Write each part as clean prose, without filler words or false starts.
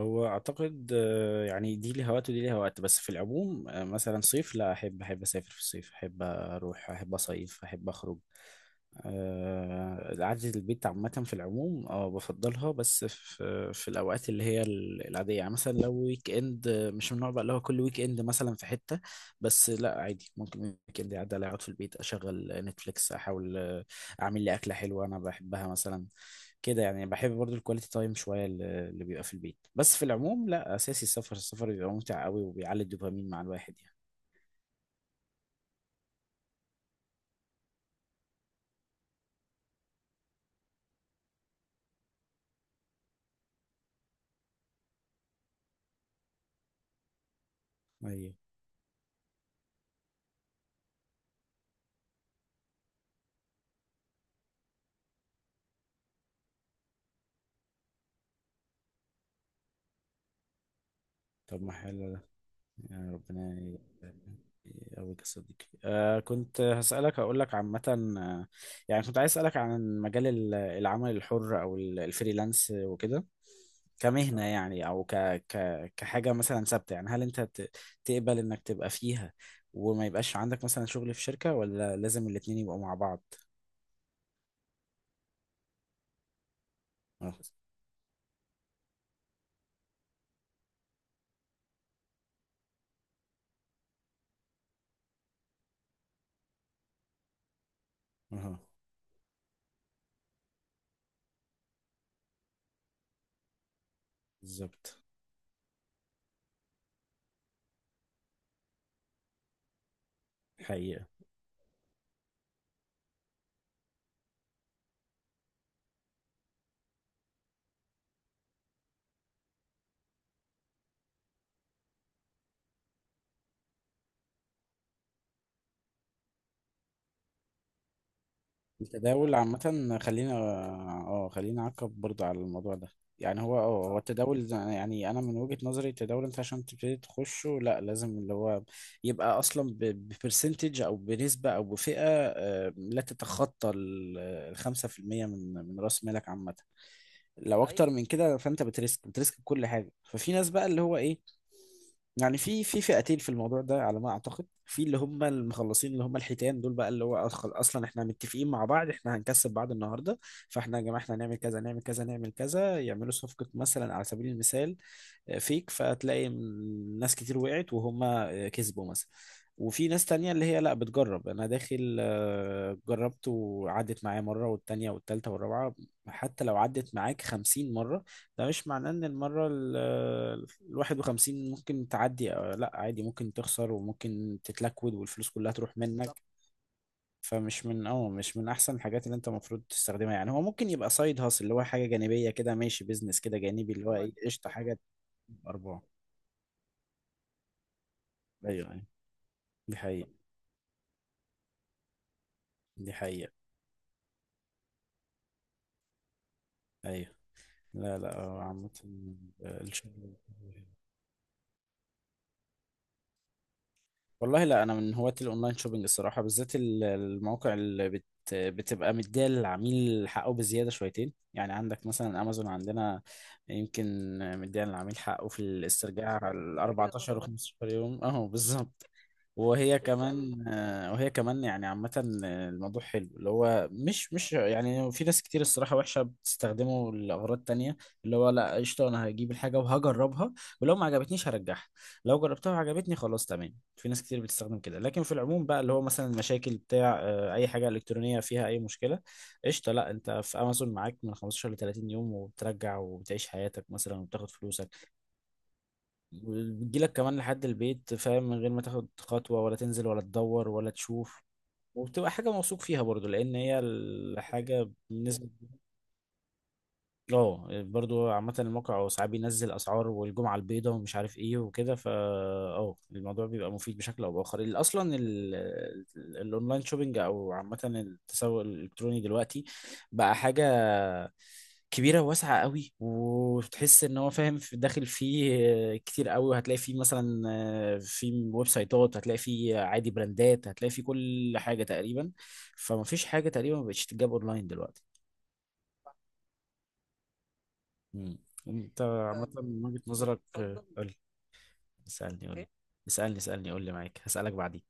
هو اعتقد يعني دي ليها وقت ودي ليها وقت، بس في العموم مثلا صيف لا، احب اسافر في الصيف، احب اروح، احب اصيف، احب اخرج. قعدة البيت عامة في العموم بفضلها، بس في الأوقات اللي هي العادية، يعني مثلا لو ويك إند، مش من النوع بقى اللي هو كل ويك إند مثلا في حتة. بس لا عادي، ممكن ويك إند يعدي عليا أقعد في البيت أشغل نتفليكس، أحاول أعمل لي أكلة حلوة أنا بحبها مثلا كده، يعني بحب برضو الكواليتي تايم شويه اللي بيبقى في البيت. بس في العموم لا، اساسي السفر. السفر بيبقى ممتع قوي وبيعلي الدوبامين مع الواحد يعني. ايوه. طب ما حلو ده، يعني ربنا يقويك يا صديقي. كنت هسألك، هقول لك عامة، آه، يعني كنت عايز أسألك عن مجال العمل الحر أو الفريلانس وكده، كمهنة يعني، أو ك ك كحاجة مثلا ثابتة، يعني هل أنت تقبل إنك تبقى فيها وما يبقاش عندك مثلا شغل في شركة، ولا لازم الاتنين يبقوا مع بعض؟ اه، اه، بالظبط. حقيقة، التداول عامة، خلينا نعقب برضه على الموضوع ده. يعني هو التداول، يعني انا من وجهة نظري التداول، انت عشان تبتدي تخشه لا، لازم اللي هو يبقى اصلا ببرسنتج او بنسبة او بفئة، لا تتخطى ال5% من راس مالك عامة. لو، ايوه، اكتر، ايوه، من كده، فانت بتريسك كل حاجة. ففي ناس بقى اللي هو ايه، يعني في فئتين في الموضوع ده على ما اعتقد. في اللي هم المخلصين، اللي هم الحيتان دول، بقى اللي هو اصلا احنا متفقين مع بعض، احنا هنكسب بعض النهارده. فاحنا يا جماعه احنا هنعمل كذا، نعمل كذا، نعمل كذا، يعملوا صفقه مثلا على سبيل المثال، فيك، فتلاقي ناس كتير وقعت وهم كسبوا مثلا. وفي ناس تانية اللي هي لا، بتجرب، انا داخل جربت وعدت معايا مرة والتانية والتالتة والرابعة. حتى لو عدت معاك 50 مرة، ده مش معناه ان المرة 51 ممكن تعدي. لا، عادي ممكن تخسر وممكن تتلكود والفلوس كلها تروح منك بالظبط. فمش من اه مش من احسن الحاجات اللي انت المفروض تستخدمها، يعني هو ممكن يبقى سايد هاسل، اللي هو حاجه جانبيه كده، ماشي، بيزنس كده جانبي، اللي هو ايه، قشطه بالظبط، حاجه تجيب ارباح. ايوه، ايوه. دي حقيقه، دي حقيقه. ايوه، لا، لا، هو عامه الشغل. والله لا، انا من هواة الاونلاين شوبينج الصراحه، بالذات المواقع اللي بتبقى مديه للعميل حقه بزياده شويتين. يعني عندك مثلا امازون عندنا، يمكن مديه للعميل حقه في الاسترجاع، كده 14 طبعا و15 يوم، اهو بالظبط. وهي كمان يعني عامة الموضوع حلو، اللي هو مش يعني في ناس كتير الصراحة وحشة بتستخدمه لأغراض تانية. اللي هو لا، قشطة، أنا هجيب الحاجة وهجربها، ولو ما عجبتنيش هرجعها، لو جربتها وعجبتني خلاص تمام. في ناس كتير بتستخدم كده، لكن في العموم بقى اللي هو مثلا المشاكل بتاع أي حاجة إلكترونية فيها أي مشكلة، قشطة لا، أنت في أمازون معاك من 15 ل 30 يوم، وبترجع وبتعيش حياتك مثلا وبتاخد فلوسك. بتجيلك كمان لحد البيت، فاهم، من غير ما تاخد خطوة ولا تنزل ولا تدور ولا تشوف. وبتبقى حاجة موثوق فيها برضو، لأن هي الحاجة بالنسبة. اه، برضو عامة الموقع ساعات بينزل أسعار، والجمعة البيضاء ومش عارف ايه وكده، فا اه الموضوع بيبقى مفيد بشكل أو بآخر. أصلا الأونلاين شوبينج أو عامة التسوق الإلكتروني دلوقتي بقى حاجة كبيره وواسعه قوي، وتحس ان هو فاهم في داخل فيه كتير قوي. وهتلاقي فيه مثلا في ويب سايتات، هتلاقي فيه عادي براندات، هتلاقي فيه كل حاجه تقريبا. فما فيش حاجه تقريبا ما بقتش تتجاب اونلاين دلوقتي. مم. انت عامه من وجهه نظرك، بتفضل قول. اسالني، قول ايه؟ اسالني، اسالني، قول لي، معاك هسالك بعدين.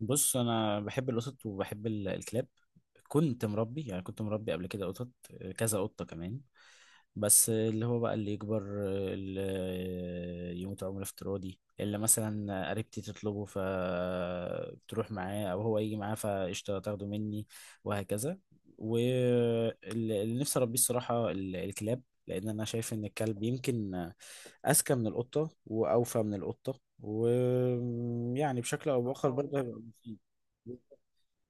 بص، انا بحب القطط وبحب الكلاب. كنت مربي قبل كده قطط، كذا قطة كمان. بس اللي هو بقى، اللي يكبر، اللي يموت عمر افتراضي، اللي مثلا قريبتي تطلبه فبتروح معاه او هو يجي معاه فقشطة تاخده مني، وهكذا. واللي نفسي اربيه الصراحة الكلاب، لان انا شايف ان الكلب يمكن اذكى من القطة واوفى من القطة، ويعني بشكل او باخر برضه هيبقى مفيد.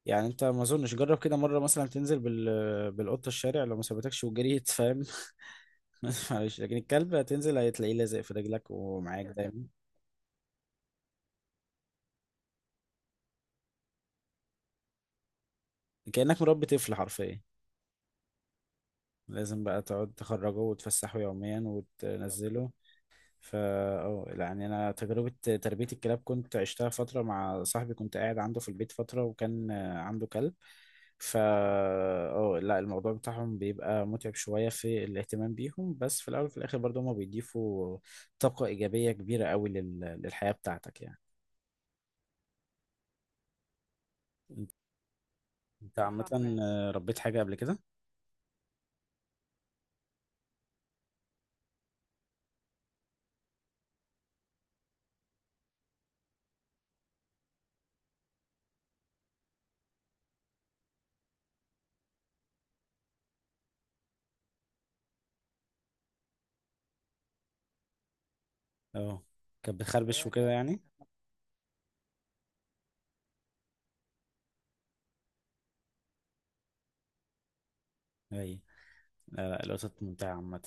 يعني انت ما اظنش جرب كده مره مثلا تنزل بالقطه الشارع، لو ما سابتكش وجريت، فاهم. معلش، لكن الكلب هتنزل هتلاقيه لازق في رجلك ومعاك دايما، كانك مربي طفل حرفيا. لازم بقى تقعد تخرجه وتفسحه يوميا وتنزله. فا اه يعني انا تجربه تربيه الكلاب كنت عشتها فتره مع صاحبي، كنت قاعد عنده في البيت فتره وكان عنده كلب. فا اه لا، الموضوع بتاعهم بيبقى متعب شويه في الاهتمام بيهم، بس في الاول وفي الاخر برضه هما بيضيفوا طاقه ايجابيه كبيره قوي للحياه بتاعتك يعني. انت أنت عامه صح فعلا، ربيت حاجه قبل كده. اه كانت بتخربش وكده يعني. اي، لا، لا، القطط ممتعه عامه.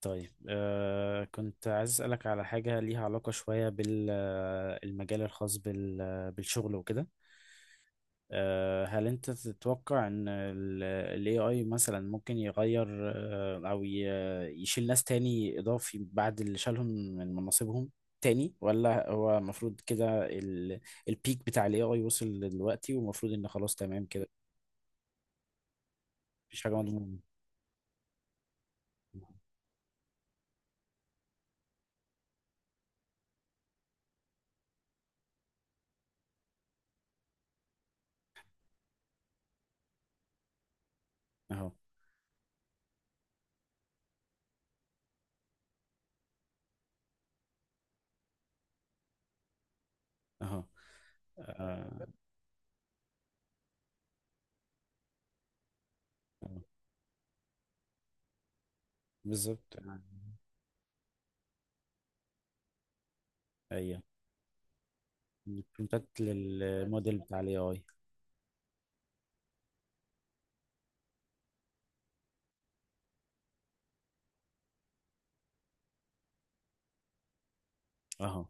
طيب، كنت عايز أسألك على حاجة ليها علاقة شوية بالمجال الخاص بالشغل وكده. هل أنت تتوقع إن ال AI مثلا ممكن يغير، أو يشيل ناس تاني إضافي بعد اللي شالهم من مناصبهم تاني؟ ولا هو المفروض كده البيك بتاع ال AI وصل دلوقتي ومفروض إن خلاص تمام كده؟ مفيش حاجة مضمونة. أهو، أهو، آه، آه، بالظبط، أيوه. كونتاكت للموديل بتاع الاي اي، اهو.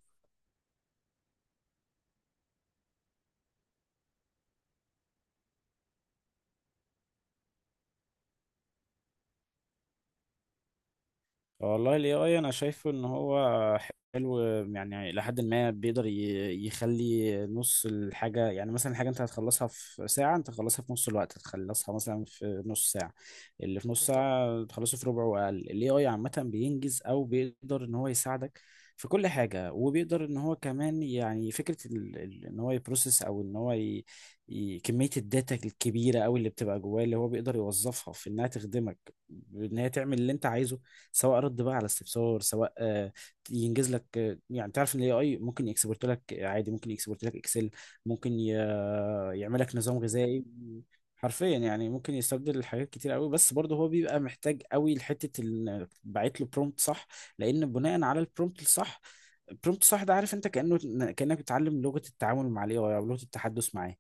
والله ال AI أنا شايفه إن هو حلو، يعني لحد ما بيقدر يخلي نص الحاجة. يعني مثلا الحاجة أنت هتخلصها في ساعة، أنت هتخلصها في نص الوقت، هتخلصها مثلا في نص ساعة، اللي في نص بالظبط ساعة تخلصه في ربع وأقل. ال AI عامة بينجز، أو بيقدر إن هو يساعدك في كل حاجة، وبيقدر إن هو كمان يعني فكرة إن هو يبروسس، أو إن هو كمية الداتا الكبيرة أوي اللي بتبقى جواه، اللي هو بيقدر يوظفها في إنها تخدمك، إن هي تعمل اللي أنت عايزه، سواء رد بقى على استفسار، سواء ينجز لك، يعني تعرف ان الاي اي ممكن يكسبورت لك عادي، ممكن يكسبورت لك اكسل، ممكن يعمل لك نظام غذائي حرفيا. يعني ممكن يستبدل حاجات كتير قوي، بس برضه هو بيبقى محتاج قوي لحته بعت له برومبت صح، لان بناء على البرومبت الصح. برومبت صح ده، عارف، انت كانك بتتعلم لغه التعامل مع الاي اي، او لغه التحدث معاه.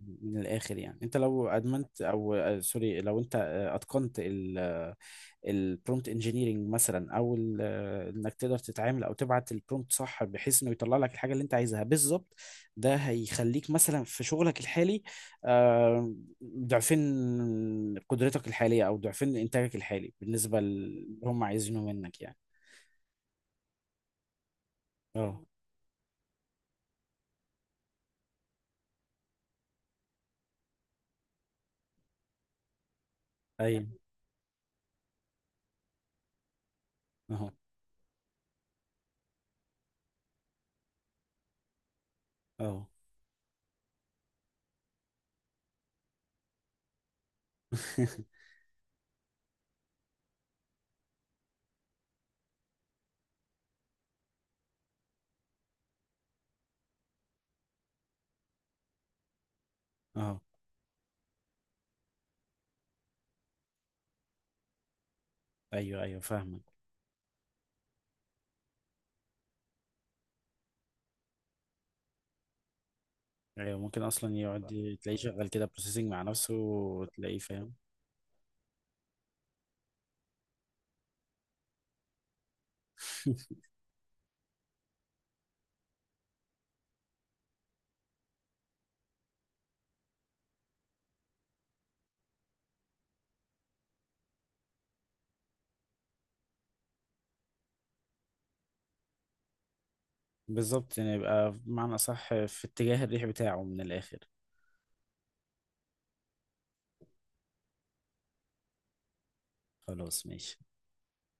من الاخر، يعني انت لو ادمنت او سوري، لو انت اتقنت البرومبت انجينيرنج مثلا، او انك تقدر تتعامل او تبعت البرومبت صح بحيث انه يطلع لك الحاجه اللي انت عايزها بالظبط، ده هيخليك مثلا في شغلك الحالي آه، ضعفين قدرتك الحاليه، او ضعفين انتاجك الحالي بالنسبه اللي هم عايزينه منك يعني. اه، ايوه. اهو، اهو. اه، ايوه، ايوه، فاهمك. ايوه، ممكن اصلا يقعد تلاقيه شغال كده بروسيسنج مع نفسه، وتلاقيه فاهم. بالظبط. يعني يبقى بمعنى أصح في اتجاه الريح بتاعه من الآخر. خلاص ماشي.